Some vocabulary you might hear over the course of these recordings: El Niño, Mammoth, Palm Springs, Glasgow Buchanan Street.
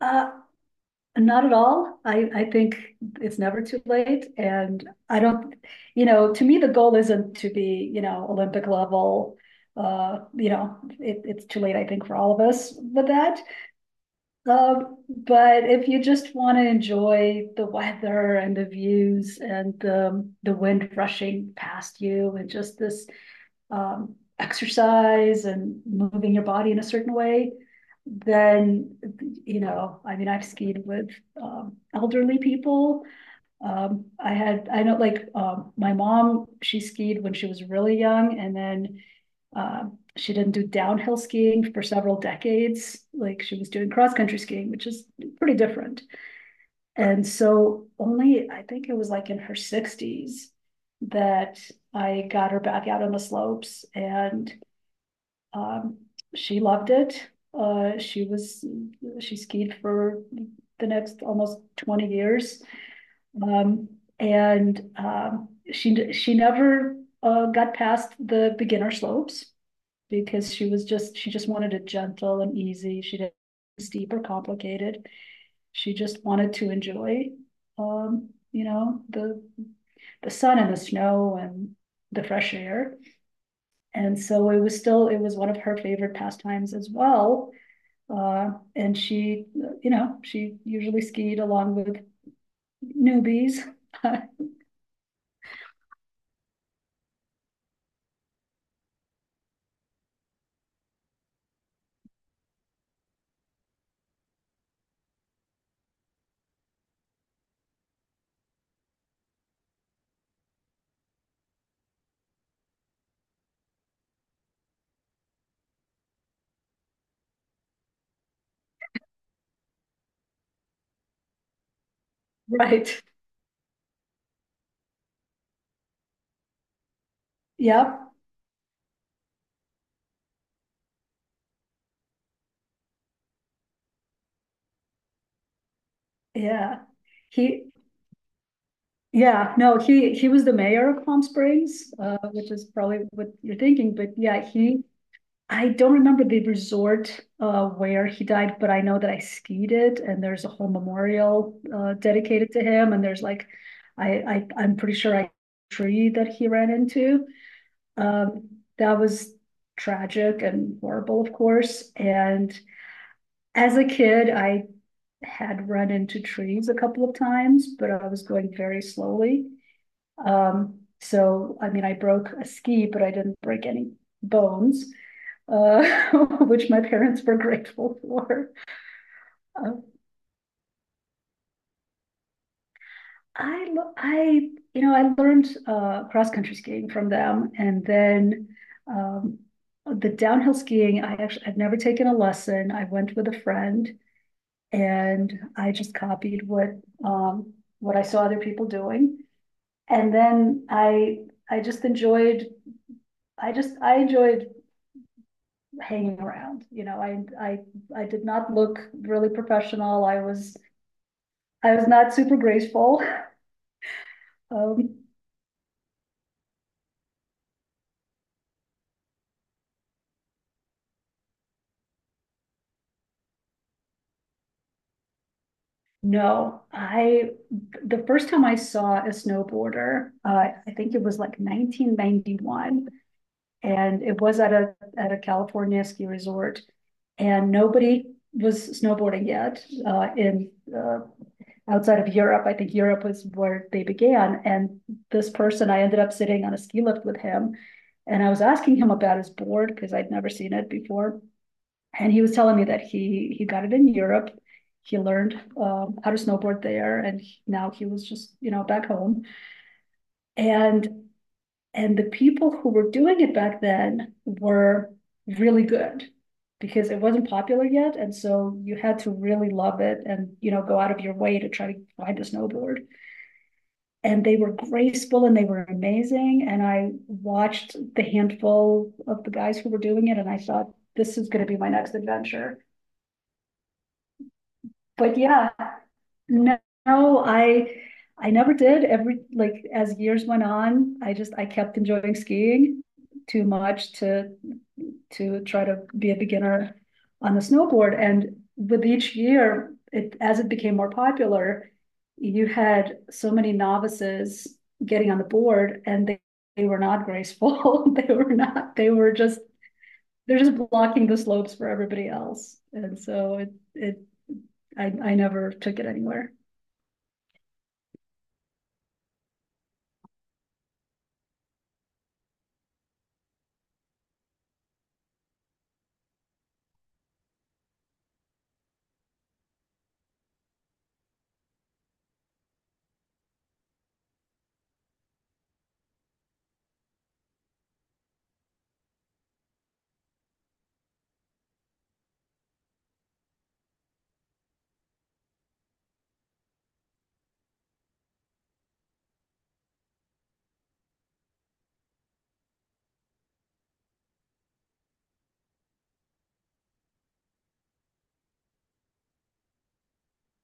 Uh, Not at all. I think it's never too late. And I don't, you know, to me, the goal isn't to be, you know, Olympic level. It's too late, I think, for all of us with that. But if you just want to enjoy the weather and the views and the wind rushing past you and just this exercise and moving your body in a certain way, then, you know, I mean, I've skied with elderly people. I had, I know, like my mom, she skied when she was really young, and then uh, she didn't do downhill skiing for several decades. Like she was doing cross country skiing, which is pretty different. And so, only I think it was like in her 60s that I got her back out on the slopes and um, she loved it. Uh, she was she skied for the next almost 20 years, um, and she never got past the beginner slopes because she just wanted it gentle and easy. She didn't steep or complicated. She just wanted to enjoy, you know, the sun and the snow and the fresh air. And so it was still, it was one of her favorite pastimes as well. And she, you know, she usually skied along with newbies. Right. Yep. Yeah. He, yeah, no, he was the mayor of Palm Springs, which is probably what you're thinking, but yeah, he I don't remember the resort where he died, but I know that I skied it, and there's a whole memorial dedicated to him. And there's like, I'm pretty sure I tree that he ran into. Um, that was tragic and horrible, of course. And as a kid, I had run into trees a couple of times, but I was going very slowly. So I mean, I broke a ski, but I didn't break any bones uh, which my parents were grateful for. Uh, I, I, you know, I learned cross country skiing from them, and then um, the downhill skiing. I've never taken a lesson. I went with a friend, and I just copied um, what I saw other people doing, and then I just enjoyed. I enjoyed hanging around. You know, I did not look really professional. I was not super graceful. Um, no, I, the first time I saw a snowboarder, I think it was like 1991, and it was at a California ski resort, and nobody was snowboarding yet in outside of Europe. I think Europe was where they began, and this person, I ended up sitting on a ski lift with him, and I was asking him about his board because I'd never seen it before. And he was telling me that he got it in Europe. He learned how to snowboard there, now he was just, you know, back home. And and the people who were doing it back then were really good because it wasn't popular yet, and so you had to really love it and, you know, go out of your way to try to find a snowboard, and they were graceful and they were amazing. And I watched the handful of the guys who were doing it, and I thought, this is going to be my next adventure. But yeah, no, No, I never did. Every like As years went on, I kept enjoying skiing too much to try to be a beginner on the snowboard. And with each year, it as it became more popular, you had so many novices getting on the board and they were not graceful. They were not, They were just they're just blocking the slopes for everybody else. And so I never took it anywhere.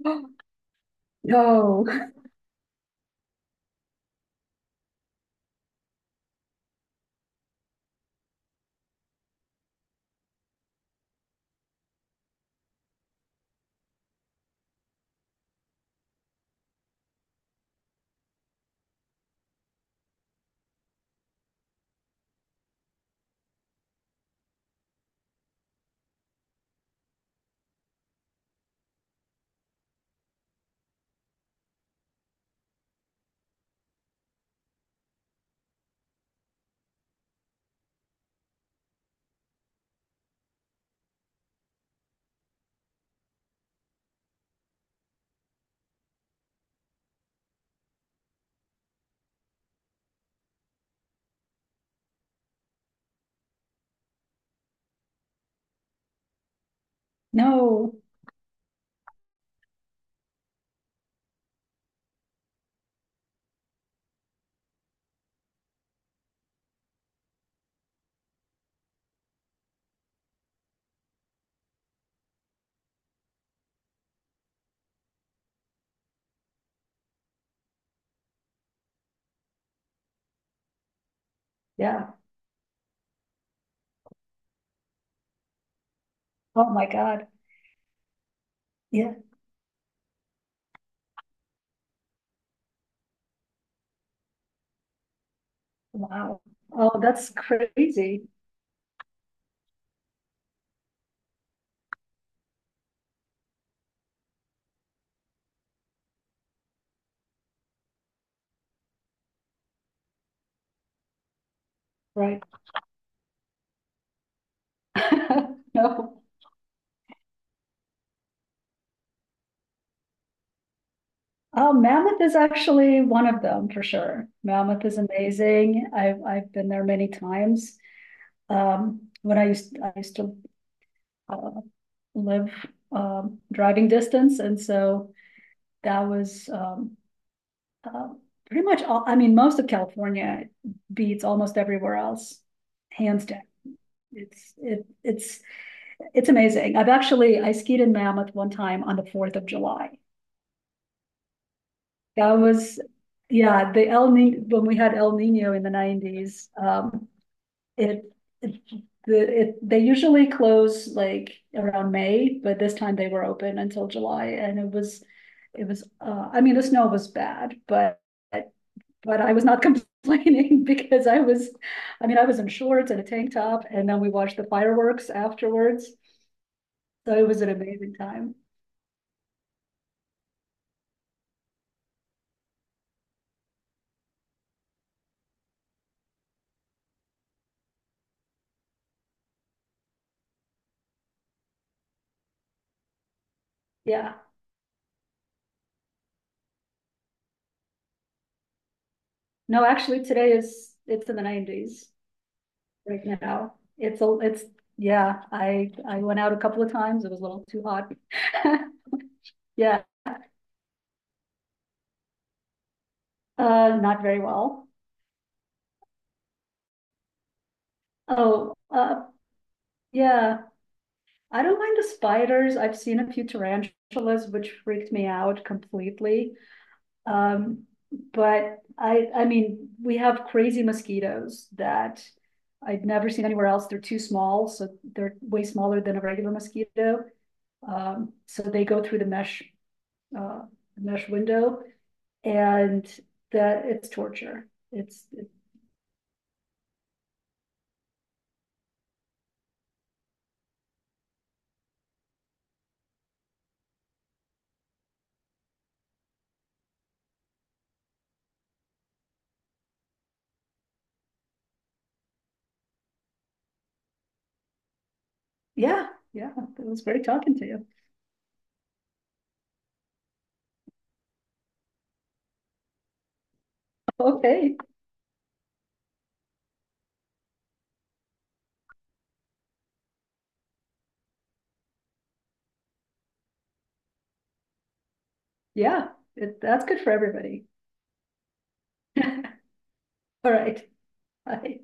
No, no, yeah. Oh my God. Yeah. Wow. Oh, that's crazy. Right. No. Oh, Mammoth is actually one of them for sure. Mammoth is amazing. I've been there many times. When I used to uh, live driving distance, and so that was uh, pretty much all. I mean, most of California beats almost everywhere else, hands down. It's it It's amazing. I skied in Mammoth one time on the 4th of July. That was, yeah, the El Ni when we had El Nino in the 90s. It, it the it They usually close like around May, but this time they were open until July, and it was I mean the snow was bad, but I was not complaining because I mean I was in shorts and a tank top, and then we watched the fireworks afterwards, so it was an amazing time. Yeah. No, actually today is it's in the 90s right now. Yeah, I went out a couple of times. It was a little too hot. Yeah, not very well. Oh, yeah, I don't mind the spiders. I've seen a few tarantulas, which freaked me out completely. Um, I mean, we have crazy mosquitoes that I've never seen anywhere else. They're too small, so they're way smaller than a regular mosquito. So they go through the mesh, uh, mesh window. And that it's torture. It's. It- Yeah, yeah, it was great talking to you. Okay, yeah, it, that's good for everybody. All right, bye.